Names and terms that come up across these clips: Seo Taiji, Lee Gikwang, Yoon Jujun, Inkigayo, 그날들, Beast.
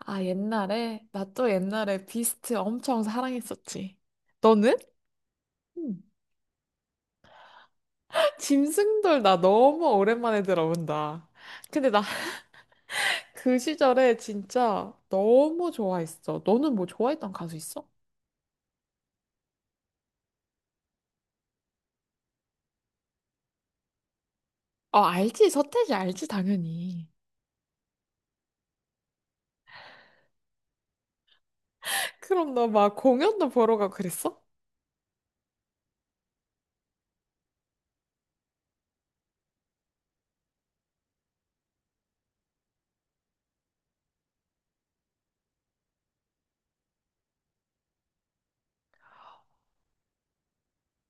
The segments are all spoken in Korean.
아, 옛날에? 나 또 옛날에 비스트 엄청 사랑했었지. 너는? 음. 짐승돌 나 너무 오랜만에 들어본다. 근데 나 그 시절에 진짜 너무 좋아했어. 너는 뭐 좋아했던 가수 있어? 아, 알지. 서태지 알지, 당연히. 그럼 너 막 공연도 보러 가고 그랬어?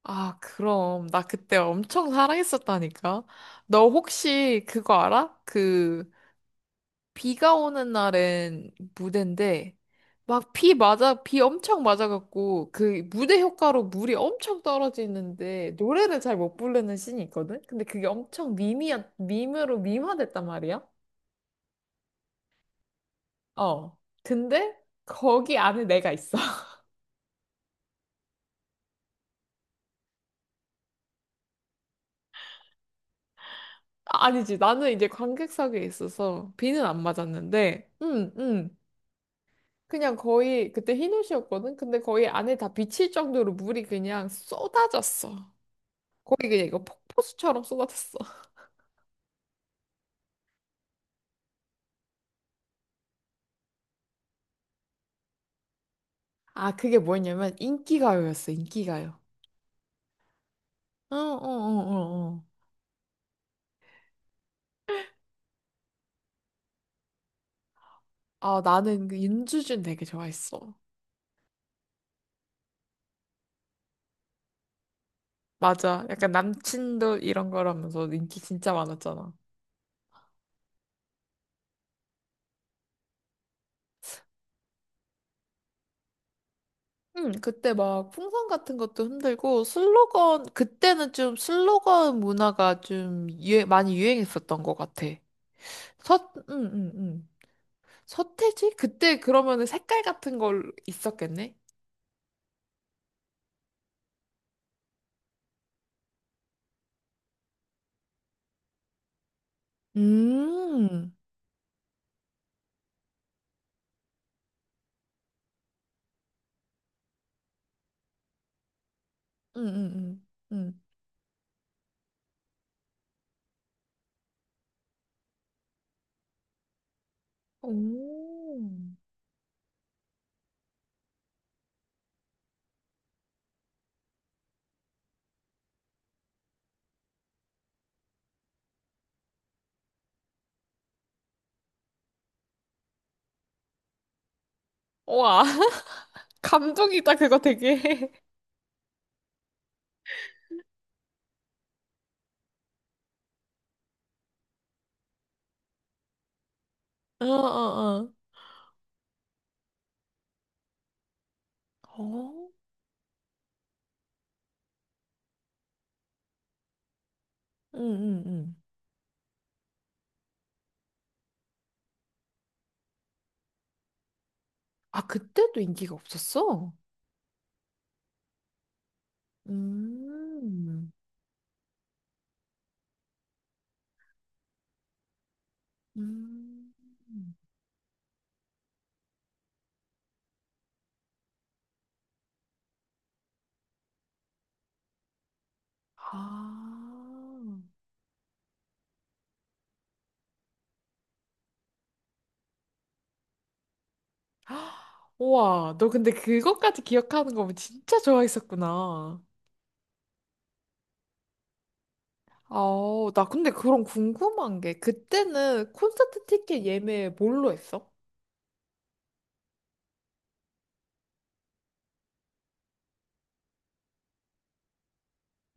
아, 그럼. 나 그때 엄청 사랑했었다니까. 너 혹시 그거 알아? 비가 오는 날엔 무대인데 막 비 엄청 맞아갖고 그 무대 효과로 물이 엄청 떨어지는데 노래를 잘 못 부르는 씬이 있거든. 근데 그게 엄청 밈이야 밈으로 밈화됐단 말이야. 어. 근데 거기 안에 내가 있어. 아니지, 나는 이제 관객석에 있어서 비는 안 맞았는데 그냥 거의 그때 흰 옷이었거든. 근데 거의 안에 다 비칠 정도로 물이 그냥 쏟아졌어. 거기 그냥 이거 폭포수처럼 쏟아졌어. 아, 그게 뭐였냐면 인기가요였어, 인기가요. 어, 어, 어, 어, 어. 아, 나는 그 윤주준 되게 좋아했어. 맞아. 약간 남친도 이런 거라면서 인기 진짜 많았잖아. 응, 그때 막 풍선 같은 것도 흔들고 슬로건, 그때는 좀 슬로건 문화가 좀 많이 유행했었던 것 같아. 응, 응, 응. 서태지? 그때 그러면은 색깔 같은 걸 있었겠네? 음, 응, 응, 응, 응. 오. 우와. 감동이다, 그거 되게. 어, 어, 어? 어. 응, 응, 응. 아, 그때도 인기가 없었어? 음, 음. 아. 우와, 너 근데 그것까지 기억하는 거면 진짜 좋아했었구나. 아, 나 근데 그런 궁금한 게, 그때는 콘서트 티켓 예매 뭘로 했어?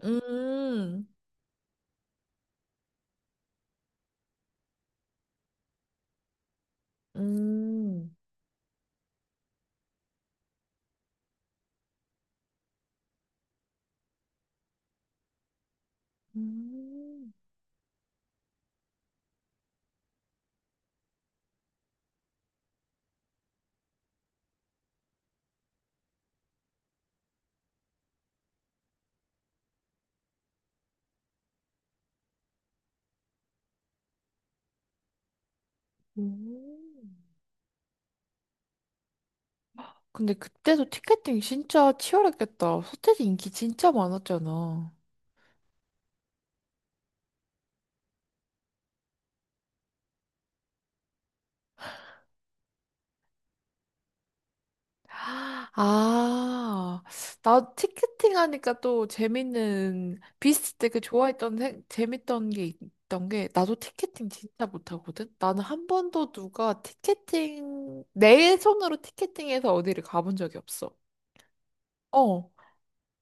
음, 음. 음, 음. 근데 그때도 티켓팅 진짜 치열했겠다. 소태지 인기 진짜 많았잖아. 아, 나 티켓팅 하니까 또 재밌는, 비스트 되게 좋아했던, 재밌던 게 있던 게, 나도 티켓팅 진짜 못하거든? 나는 한 번도 누가 티켓팅, 내 손으로 티켓팅해서 어디를 가본 적이 없어. 어,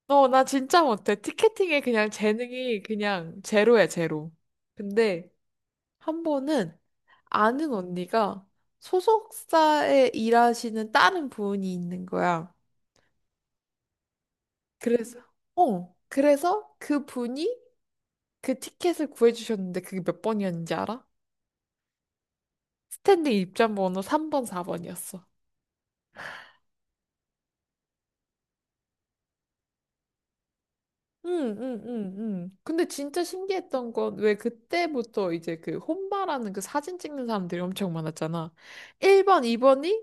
어, 나 진짜 못해. 티켓팅에 그냥 재능이 그냥 제로야, 제로. 근데 한 번은 아는 언니가 소속사에 일하시는 다른 분이 있는 거야. 그래서, 어, 그래서 그 분이 그 티켓을 구해주셨는데 그게 몇 번이었는지 알아? 스탠딩 입장 번호 3번, 4번이었어. 응, 응, 응, 응. 근데 진짜 신기했던 건 왜 그때부터 이제 그 혼바라는 그 사진 찍는 사람들이 엄청 많았잖아. 1번, 2번이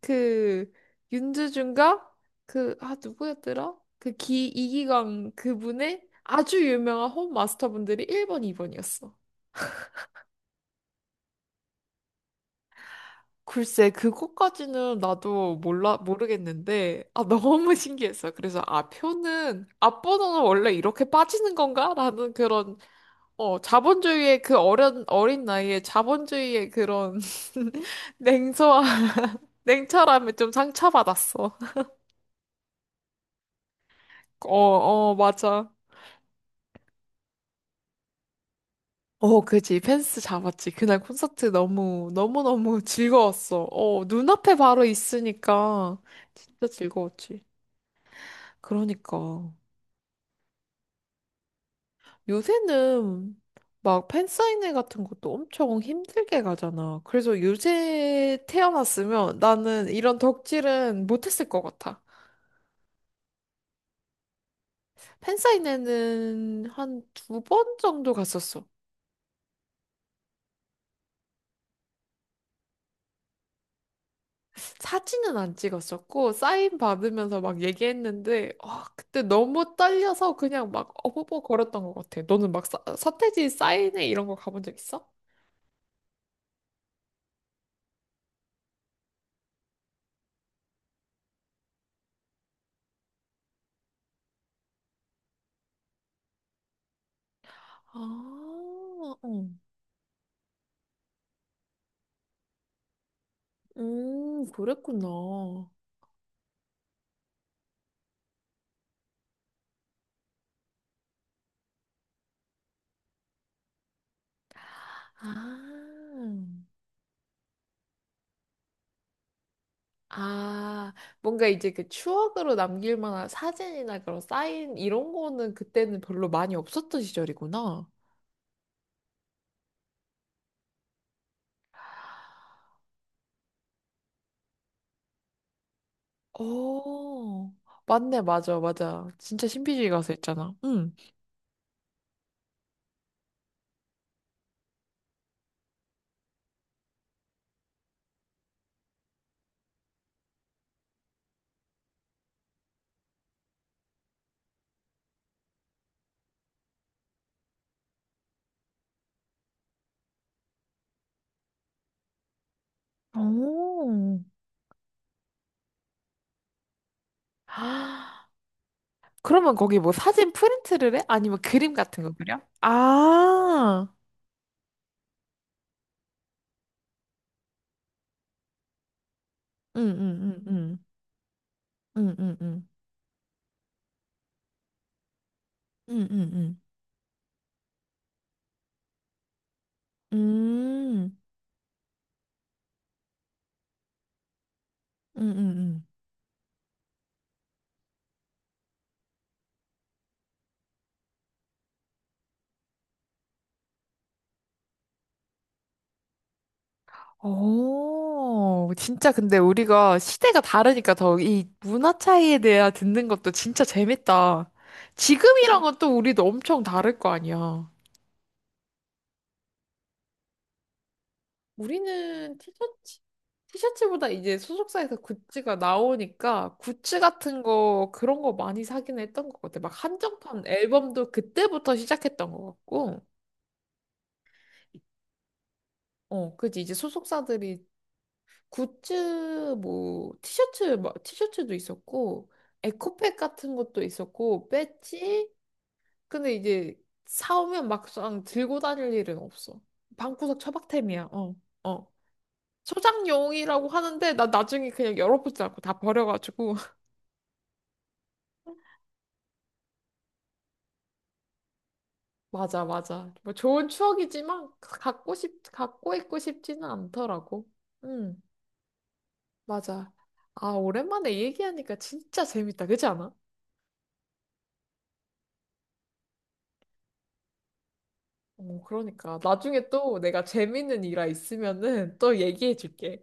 그 윤주준과 이기광 그분의 아주 유명한 홈 마스터분들이 1번, 2번이었어. 글쎄, 그것까지는 나도 몰라, 모르겠는데, 아, 너무 신기했어. 그래서, 아, 표는, 앞번호는 원래 이렇게 빠지는 건가? 라는 그런 어, 자본주의의 그 어린 나이에 자본주의의 그런 냉소와, 냉철함에 좀 상처받았어. 어, 어, 맞아. 어, 그지. 펜스 잡았지. 그날 콘서트 너무너무 즐거웠어. 어, 눈앞에 바로 있으니까 진짜 즐거웠지. 그러니까. 요새는 막 팬사인회 같은 것도 엄청 힘들게 가잖아. 그래서 요새 태어났으면 나는 이런 덕질은 못했을 것 같아. 팬사인회는 한 두 번 정도 갔었어. 사진은 안 찍었었고, 사인 받으면서 막 얘기했는데, 아, 그때 너무 떨려서 그냥 막 어버버 걸었던 것 같아. 너는 막 서태지 사인회 이런 거 가본 적 있어? 아, 응. 그랬구나. 아, 아, 뭔가 이제 그 추억으로 남길 만한 사진이나 그런 사인 이런 거는 그때는 별로 많이 없었던 시절이구나. 오, 맞네, 맞아, 맞아. 진짜 신비주의 가수 있잖아. 응. 오. 아, 그러면 거기 뭐 사진 프린트를 해? 아니면 그림 같은 거 그려? 아, 응, 응, 응, 응, 응, 응, 응, 응, 응, 응, 음. 응, 응, 응. 오, 진짜 근데 우리가 시대가 다르니까 더 이 문화 차이에 대해 듣는 것도 진짜 재밌다. 지금이랑은 또 우리도 엄청 다를 거 아니야. 우리는 티셔츠, 티셔츠보다 이제 소속사에서 굿즈가 나오니까 굿즈 같은 거, 그런 거 많이 사긴 했던 것 같아. 막 한정판 앨범도 그때부터 시작했던 것 같고. 어, 그지. 이제 소속사들이 굿즈, 뭐, 막 티셔츠도 있었고, 에코백 같은 것도 있었고, 배지? 근데 이제 사오면 막상 들고 다닐 일은 없어. 방구석 처박템이야. 어, 어. 소장용이라고 하는데 나 나중에 그냥 열어보지 않고 다 버려가지고 맞아, 맞아, 뭐 좋은 추억이지만 갖고 있고 싶지는 않더라고. 응, 맞아. 아, 오랜만에 얘기하니까 진짜 재밌다. 그렇지 않아? 어, 그러니까 나중에 또 내가 재밌는 일화 있으면은 또 얘기해줄게.